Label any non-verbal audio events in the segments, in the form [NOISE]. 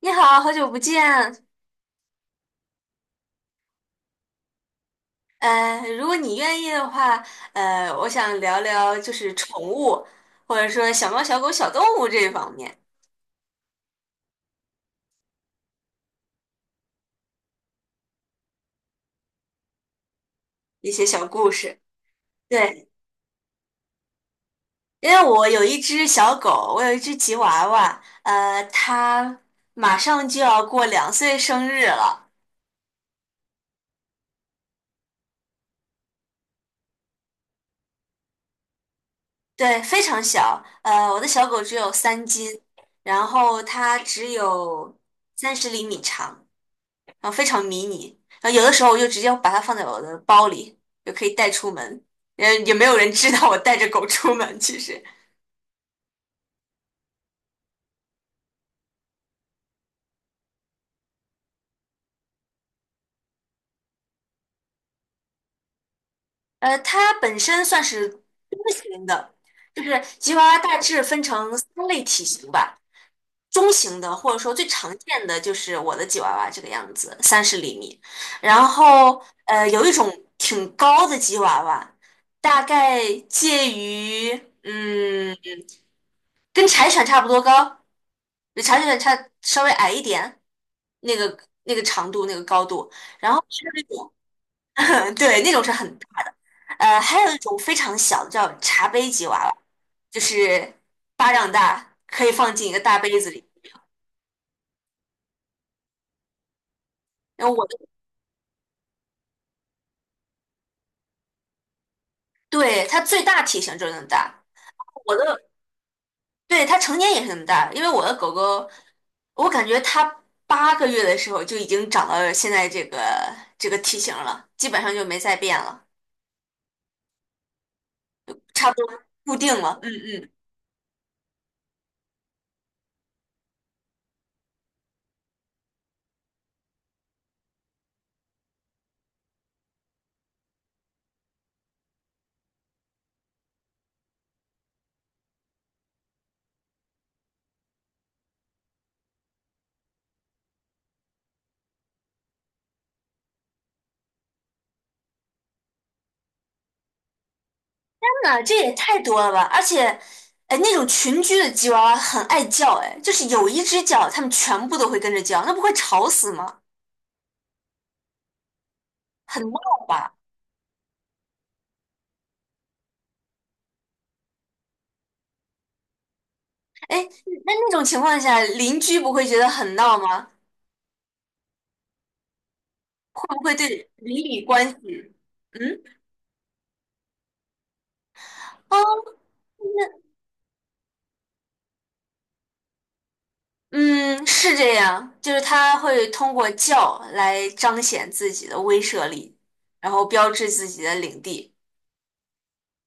你好，好久不见。如果你愿意的话，我想聊聊就是宠物，或者说小猫、小狗、小动物这方面一些小故事。对，因为我有一只小狗，我有一只吉娃娃，它马上就要过2岁生日了，对，非常小。我的小狗只有3斤，然后它只有三十厘米长。然后非常迷你。然后有的时候我就直接把它放在我的包里，就可以带出门。也没有人知道我带着狗出门。其实，它本身算是多型的，就是吉娃娃大致分成三类体型吧。中型的，或者说最常见的就是我的吉娃娃这个样子，三十厘米。然后有一种挺高的吉娃娃，大概介于嗯，跟柴犬差不多高，比柴犬差稍微矮一点，那个那个长度那个高度。然后是那种 [LAUGHS] 对，那种是很大的，还有一种非常小的叫茶杯吉娃娃，就是巴掌大，可以放进一个大杯子里。然后我。对，它最大体型就是那么大，我的，对，它成年也是那么大，因为我的狗狗，我感觉它8个月的时候就已经长到现在这个体型了，基本上就没再变了，差不多固定了。嗯嗯，天呐，这也太多了吧！而且，哎，那种群居的吉娃娃很爱叫，哎，就是有一只叫，它们全部都会跟着叫，那不会吵死吗？很闹吧？哎，那种情况下，邻居不会觉得很闹吗？会不会对邻里关系？嗯，哦，嗯，是这样，就是他会通过叫来彰显自己的威慑力，然后标志自己的领地。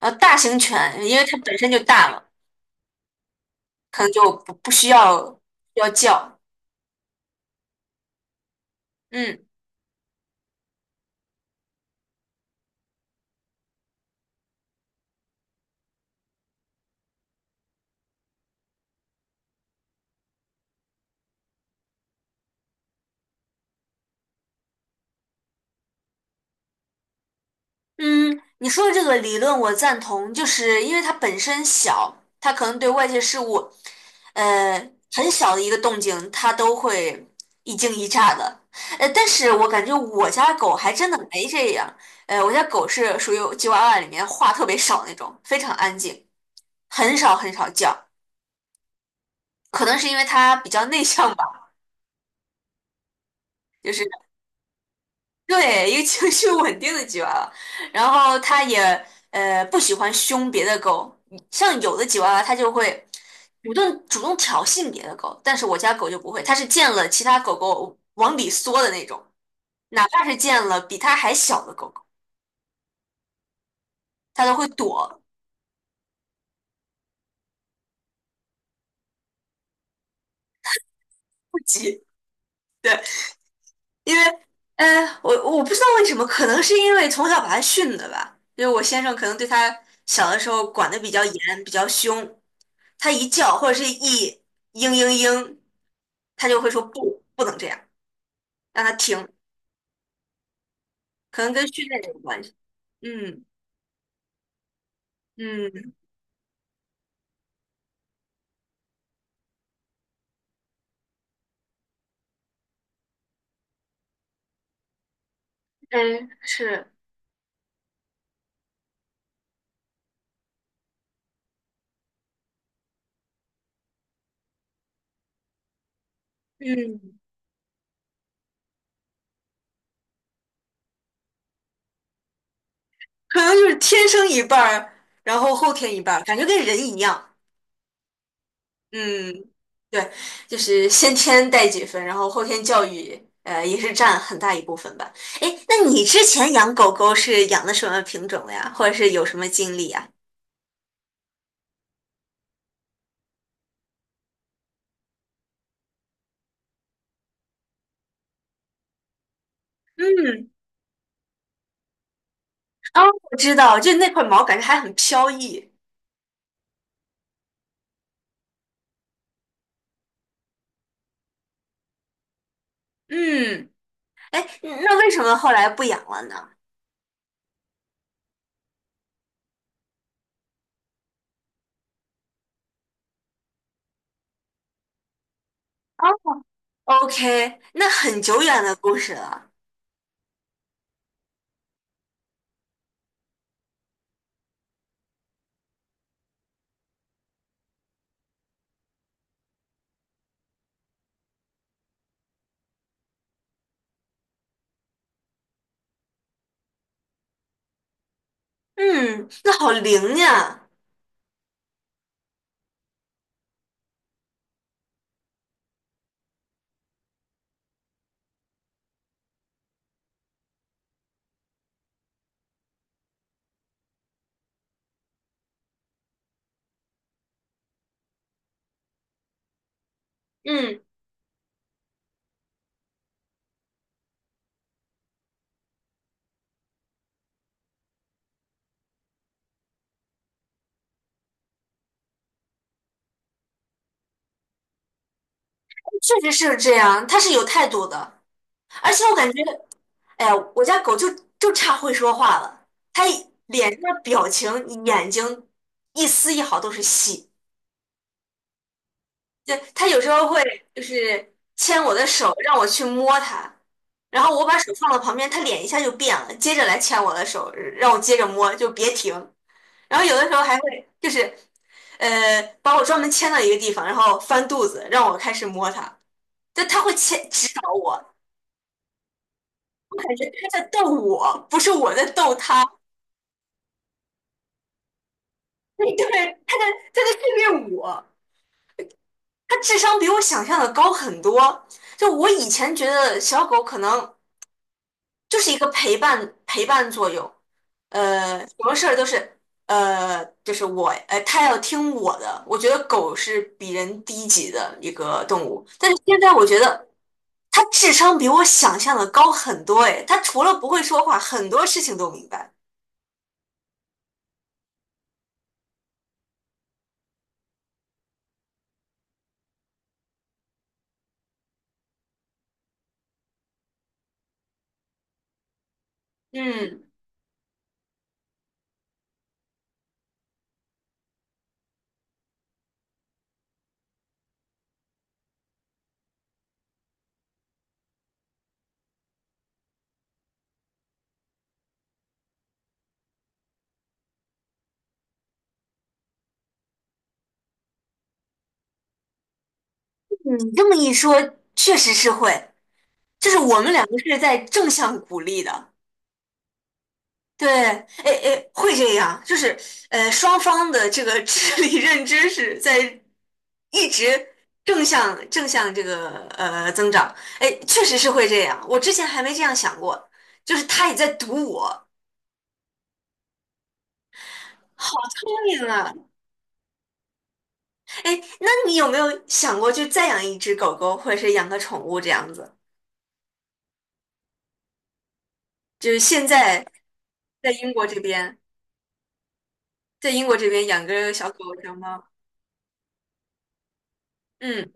然后大型犬，因为它本身就大嘛，可能就不需要叫。嗯。嗯，你说的这个理论我赞同，就是因为它本身小，它可能对外界事物，呃，很小的一个动静，它都会一惊一乍的。但是我感觉我家狗还真的没这样。我家狗是属于吉娃娃里面话特别少那种，非常安静，很少很少叫。可能是因为它比较内向吧。就是。对，一个情绪稳定的吉娃娃，然后它也不喜欢凶别的狗，像有的吉娃娃它就会主动挑衅别的狗，但是我家狗就不会，它是见了其他狗狗往里缩的那种，哪怕是见了比它还小的狗狗，它都会躲不急。对，因为，呃，我我不知道为什么，可能是因为从小把他训的吧，因为我先生可能对他小的时候管得比较严，比较凶，他一叫或者是一嘤嘤嘤，他就会说不，不能这样，让他停，可能跟训练有关系。嗯嗯，哎，是，嗯，可能就是天生一半儿，然后后天一半儿，感觉跟人一样。嗯，对，就是先天带几分，然后后天教育，也是占很大一部分吧。哎，那你之前养狗狗是养的什么品种的呀？或者是有什么经历呀？嗯，哦，我知道，就那块毛感觉还很飘逸。嗯，哎，那为什么后来不养了呢？哦，OK，那很久远的故事了。嗯，那好灵呀。嗯，确实是这样，它是有态度的，而且我感觉。哎呀，我家狗就就差会说话了，它一脸上的表情、眼睛一丝一毫都是戏。就它有时候会就是牵我的手，让我去摸它，然后我把手放到旁边，它脸一下就变了，接着来牵我的手，让我接着摸，就别停。然后有的时候还会就是把我专门牵到一个地方，然后翻肚子让我开始摸它，就它会牵指导我，我感觉它在逗我，不是我在逗它。[LAUGHS] 对，他在训练我，他智商比我想象的高很多。就我以前觉得小狗可能就是一个陪伴作用，什么事儿都是就是我它要听我的。我觉得狗是比人低级的一个动物，但是现在我觉得它智商比我想象的高很多。哎，它除了不会说话，很多事情都明白。嗯，你这么一说，确实是会。就是我们两个是在正向鼓励的，对，哎哎，会这样，就是双方的这个 [LAUGHS] 智力认知是在一直正向这个增长，哎，确实是会这样，我之前还没这样想过，就是他也在读我，好聪明啊，哎，那你有没有想过就再养一只狗狗，或者是养个宠物这样子？就是现在在英国这边，在英国这边养个小狗小猫，嗯。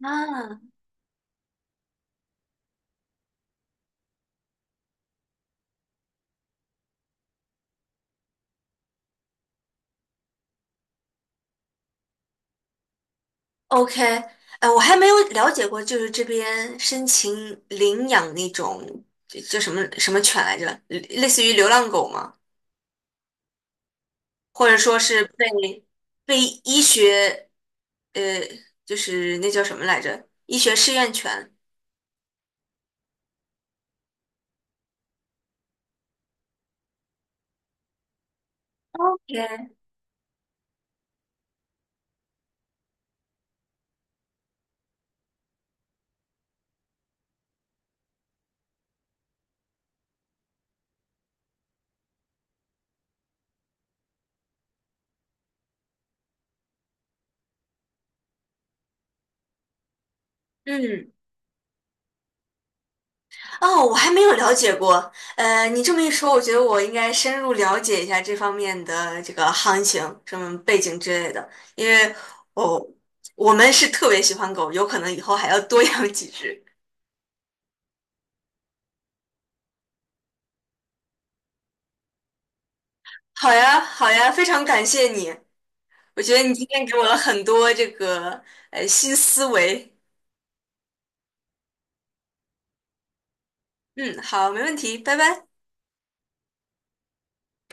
啊，OK，我还没有了解过，就是这边申请领养那种就叫什么什么犬来着，类似于流浪狗吗？或者说是被医学呃，就是那叫什么来着，医学试验犬。OK，嗯，哦，我还没有了解过。你这么一说，我觉得我应该深入了解一下这方面的这个行情、什么背景之类的，因为我、我们是特别喜欢狗，有可能以后还要多养几只。好呀，好呀，非常感谢你，我觉得你今天给我了很多这个新思维。嗯，好，没问题，拜拜。